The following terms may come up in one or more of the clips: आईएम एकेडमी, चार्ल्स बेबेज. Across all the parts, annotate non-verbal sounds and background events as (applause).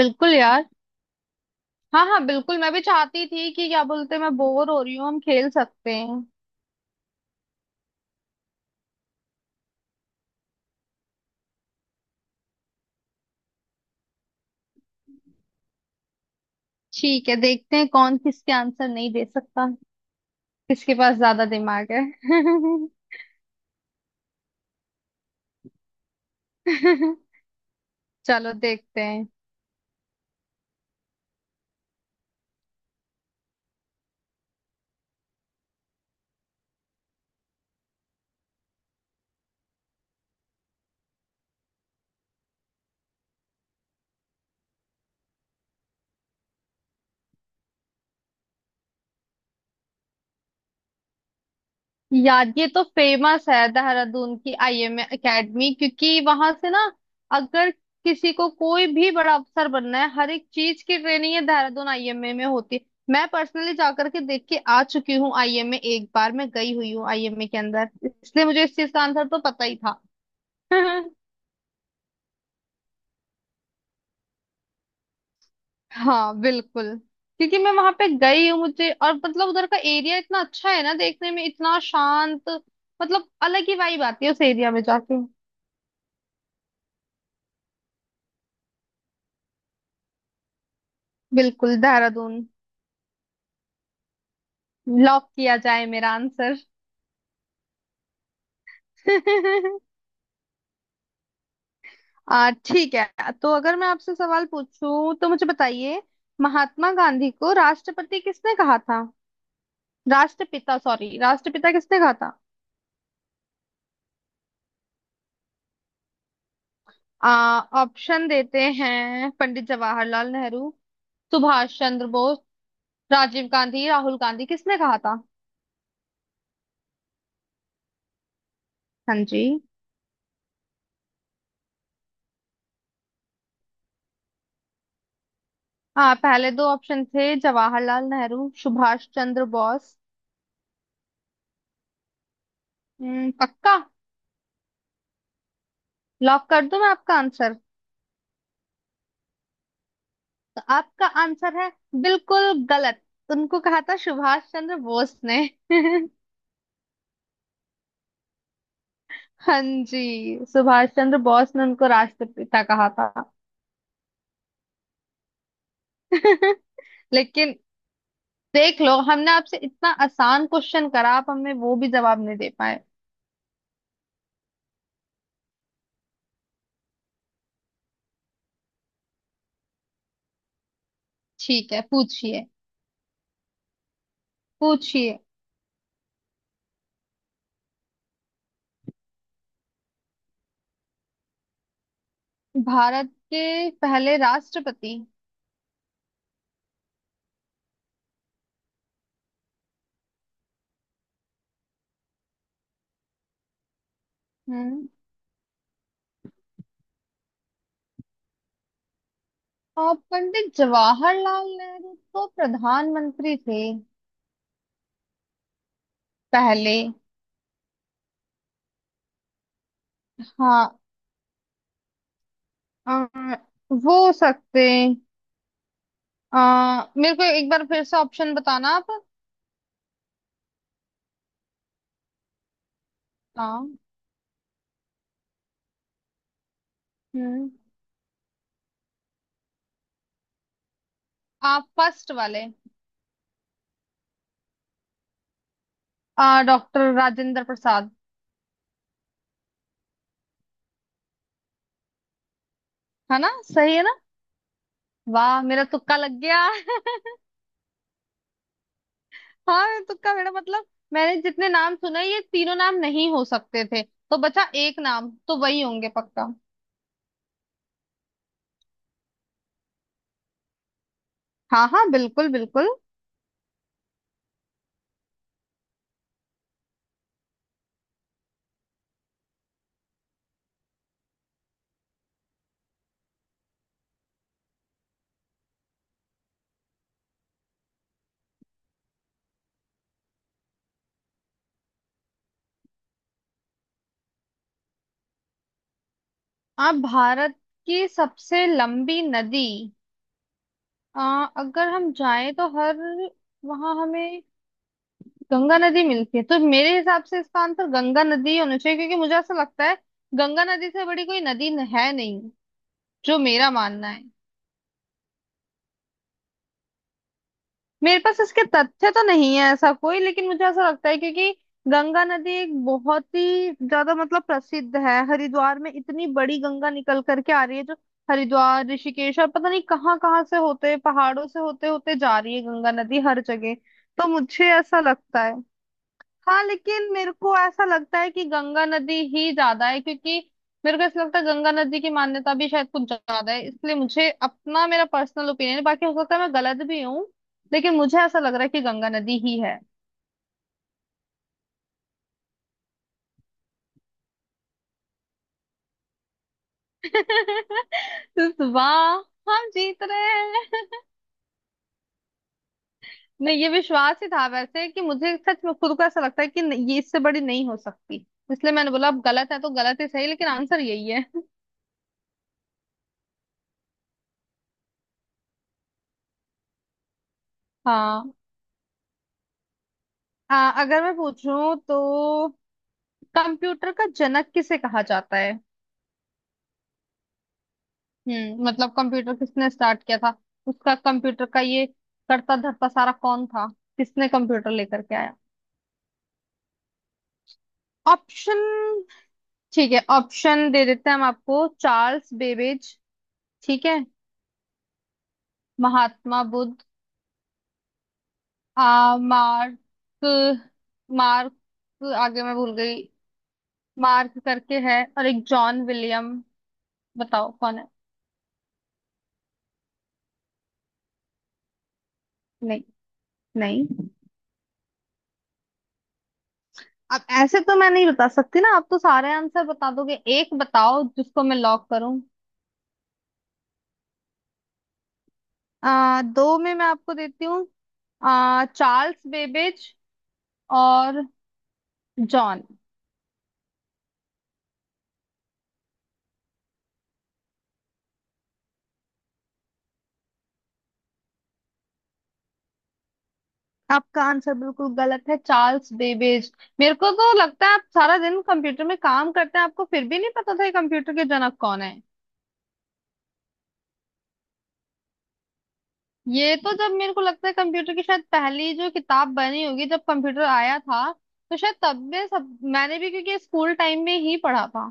बिल्कुल यार। हाँ हाँ बिल्कुल, मैं भी चाहती थी कि क्या बोलते हैं, मैं बोर हो रही हूँ, हम खेल सकते हैं। ठीक है, देखते हैं कौन किसके आंसर नहीं दे सकता, किसके पास ज्यादा दिमाग है। (laughs) चलो देखते हैं। यार ये तो फेमस है, देहरादून की आईएम एकेडमी, क्योंकि वहां से ना अगर किसी को कोई भी बड़ा अफसर बनना है, हर एक चीज की ट्रेनिंग ये देहरादून आईएमए में होती है। मैं पर्सनली जाकर के देख के आ चुकी हूँ आईएमए, एक बार मैं गई हुई हूँ आईएमए के अंदर, इसलिए मुझे इस चीज का आंसर तो पता ही था। (laughs) हाँ बिल्कुल। क्योंकि मैं वहां पे गई हूँ, मुझे और मतलब उधर का एरिया इतना अच्छा है ना देखने में, इतना शांत। मतलब अलग ही वाइब आती है उस एरिया में जाके। बिल्कुल, देहरादून। लॉक किया जाए मेरा आंसर। (laughs) आ ठीक है, तो अगर मैं आपसे सवाल पूछूं तो मुझे बताइए, महात्मा गांधी को राष्ट्रपति किसने कहा था? राष्ट्रपिता, सॉरी, राष्ट्रपिता किसने कहा था? आ ऑप्शन देते हैं, पंडित जवाहरलाल नेहरू, सुभाष चंद्र बोस, राजीव गांधी, राहुल गांधी, किसने कहा था? हाँ जी। हाँ, पहले दो ऑप्शन थे जवाहरलाल नेहरू, सुभाष चंद्र बोस। पक्का? लॉक कर दूं मैं आपका आंसर? तो आपका आंसर है बिल्कुल गलत। उनको कहा था सुभाष चंद्र बोस ने। (laughs) हाँ जी, सुभाष चंद्र बोस ने उनको राष्ट्रपिता कहा था। (laughs) लेकिन देख लो, हमने आपसे इतना आसान क्वेश्चन करा, आप हमें वो भी जवाब नहीं दे पाए। ठीक है, पूछिए। पूछिए। भारत के पहले राष्ट्रपति। हम्म। और पंडित जवाहरलाल नेहरू तो प्रधानमंत्री थे पहले। हाँ। आ, वो सकते। मेरे को एक बार फिर से ऑप्शन बताना आप। हाँ। हम्म। आप फर्स्ट वाले। डॉक्टर राजेंद्र प्रसाद। है ना? सही है ना? वाह, मेरा तुक्का लग गया। (laughs) हाँ, मेरा तुक्का, मेरा मतलब मैंने जितने नाम सुने, ये तीनों नाम नहीं हो सकते थे, तो बचा एक नाम, तो वही होंगे पक्का। हाँ हाँ बिल्कुल बिल्कुल। आप, भारत की सबसे लंबी नदी। अगर हम जाएं तो हर वहाँ हमें गंगा नदी मिलती है, तो मेरे हिसाब से इसका आंसर गंगा नदी ही होना चाहिए, क्योंकि मुझे ऐसा लगता है गंगा नदी से बड़ी कोई नदी है नहीं। जो मेरा मानना है। मेरे पास इसके तथ्य तो नहीं है ऐसा कोई, लेकिन मुझे ऐसा लगता है, क्योंकि गंगा नदी एक बहुत ही ज्यादा मतलब प्रसिद्ध है, हरिद्वार में इतनी बड़ी गंगा निकल करके आ रही है जो हरिद्वार, ऋषिकेश और पता नहीं कहाँ कहाँ से होते, पहाड़ों से होते होते जा रही है गंगा नदी हर जगह। तो मुझे ऐसा लगता है। हाँ लेकिन मेरे को ऐसा लगता है कि गंगा नदी ही ज्यादा है, क्योंकि मेरे को ऐसा लगता है गंगा नदी की मान्यता भी शायद कुछ ज्यादा है, इसलिए मुझे अपना, मेरा पर्सनल ओपिनियन है, बाकी हो सकता है मैं गलत भी हूँ, लेकिन मुझे ऐसा लग रहा है कि गंगा नदी ही है। (laughs) तो वाह, हम जीत रहे हैं। (laughs) नहीं, ये विश्वास ही था वैसे कि मुझे सच में खुद को ऐसा लगता है कि नहीं, ये इससे बड़ी नहीं हो सकती, इसलिए मैंने बोला अब गलत है तो गलत ही सही, लेकिन आंसर यही है। (laughs) हाँ। अगर मैं पूछूं तो कंप्यूटर का जनक किसे कहा जाता है? हम्म, मतलब कंप्यूटर किसने स्टार्ट किया था, उसका कंप्यूटर का ये करता धरता सारा कौन था, किसने कंप्यूटर लेकर के आया? ऑप्शन। ठीक है, ऑप्शन दे देते हैं हम आपको। चार्ल्स बेबेज, ठीक है। महात्मा बुद्ध। आ मार्क, मार्क, आगे मैं भूल गई। मार्क करके है, और एक जॉन विलियम। बताओ कौन है? नहीं, नहीं। अब ऐसे तो मैं नहीं बता सकती ना, आप तो सारे आंसर बता दोगे, एक बताओ जिसको मैं लॉक करूं। दो में मैं आपको देती हूँ। चार्ल्स बेबेज और जॉन। आपका आंसर बिल्कुल गलत है, चार्ल्स बेबेज। मेरे को तो लगता है आप सारा दिन कंप्यूटर में काम करते हैं, आपको फिर भी नहीं पता था ये कंप्यूटर के जनक कौन है। ये तो, जब मेरे को लगता है कंप्यूटर की शायद पहली जो किताब बनी होगी जब कंप्यूटर आया था, तो शायद तब में सब मैंने भी, क्योंकि स्कूल टाइम में ही पढ़ा था।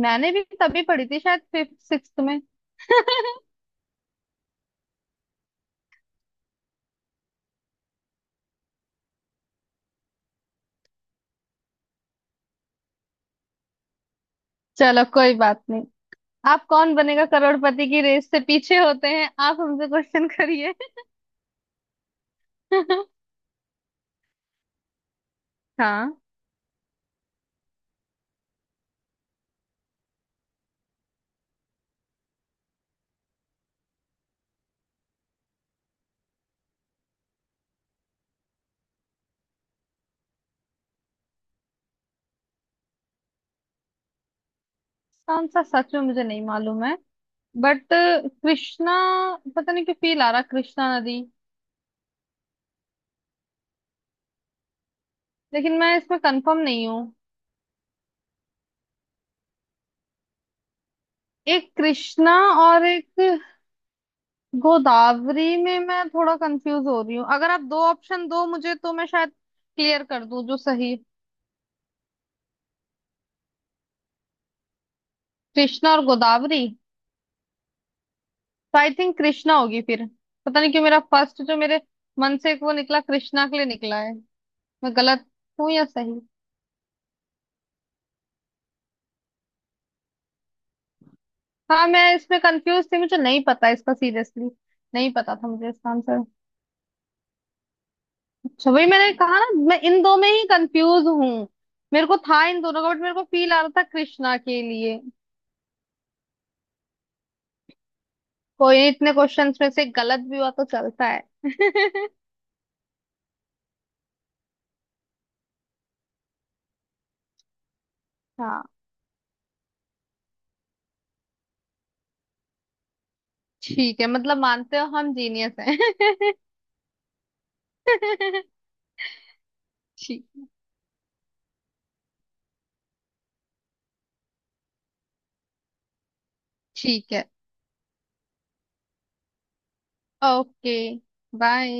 मैंने भी तभी पढ़ी थी, शायद फिफ्थ सिक्स्थ में। (laughs) चलो कोई बात नहीं। आप कौन बनेगा करोड़पति की रेस से पीछे होते हैं, आप हमसे क्वेश्चन करिए। (laughs) हाँ। कौन सा, सच में मुझे नहीं मालूम है, बट कृष्णा। पता नहीं क्यों फील आ रहा कृष्णा नदी, लेकिन मैं इसमें कंफर्म नहीं हूँ। एक कृष्णा और एक गोदावरी में मैं थोड़ा कंफ्यूज हो रही हूँ। अगर आप दो ऑप्शन दो मुझे तो मैं शायद क्लियर कर दूं जो सही। कृष्णा और गोदावरी। तो आई थिंक कृष्णा होगी फिर। पता नहीं क्यों मेरा फर्स्ट जो मेरे मन से एक वो निकला, कृष्णा के लिए निकला है। मैं गलत हूँ या सही? हाँ मैं इसमें कंफ्यूज थी, मुझे नहीं पता इसका सीरियसली, नहीं पता था मुझे इसका आंसर। अच्छा, वही मैंने कहा ना, मैं इन दो में ही कंफ्यूज हूँ। मेरे को था इन दोनों का, बट मेरे को फील आ रहा था कृष्णा के लिए। कोई नहीं, इतने क्वेश्चंस में से गलत भी हुआ तो चलता है। (laughs) हाँ ठीक है, मतलब मानते हो हम जीनियस हैं। (laughs) ठीक। ठीक है। ओके। बाय।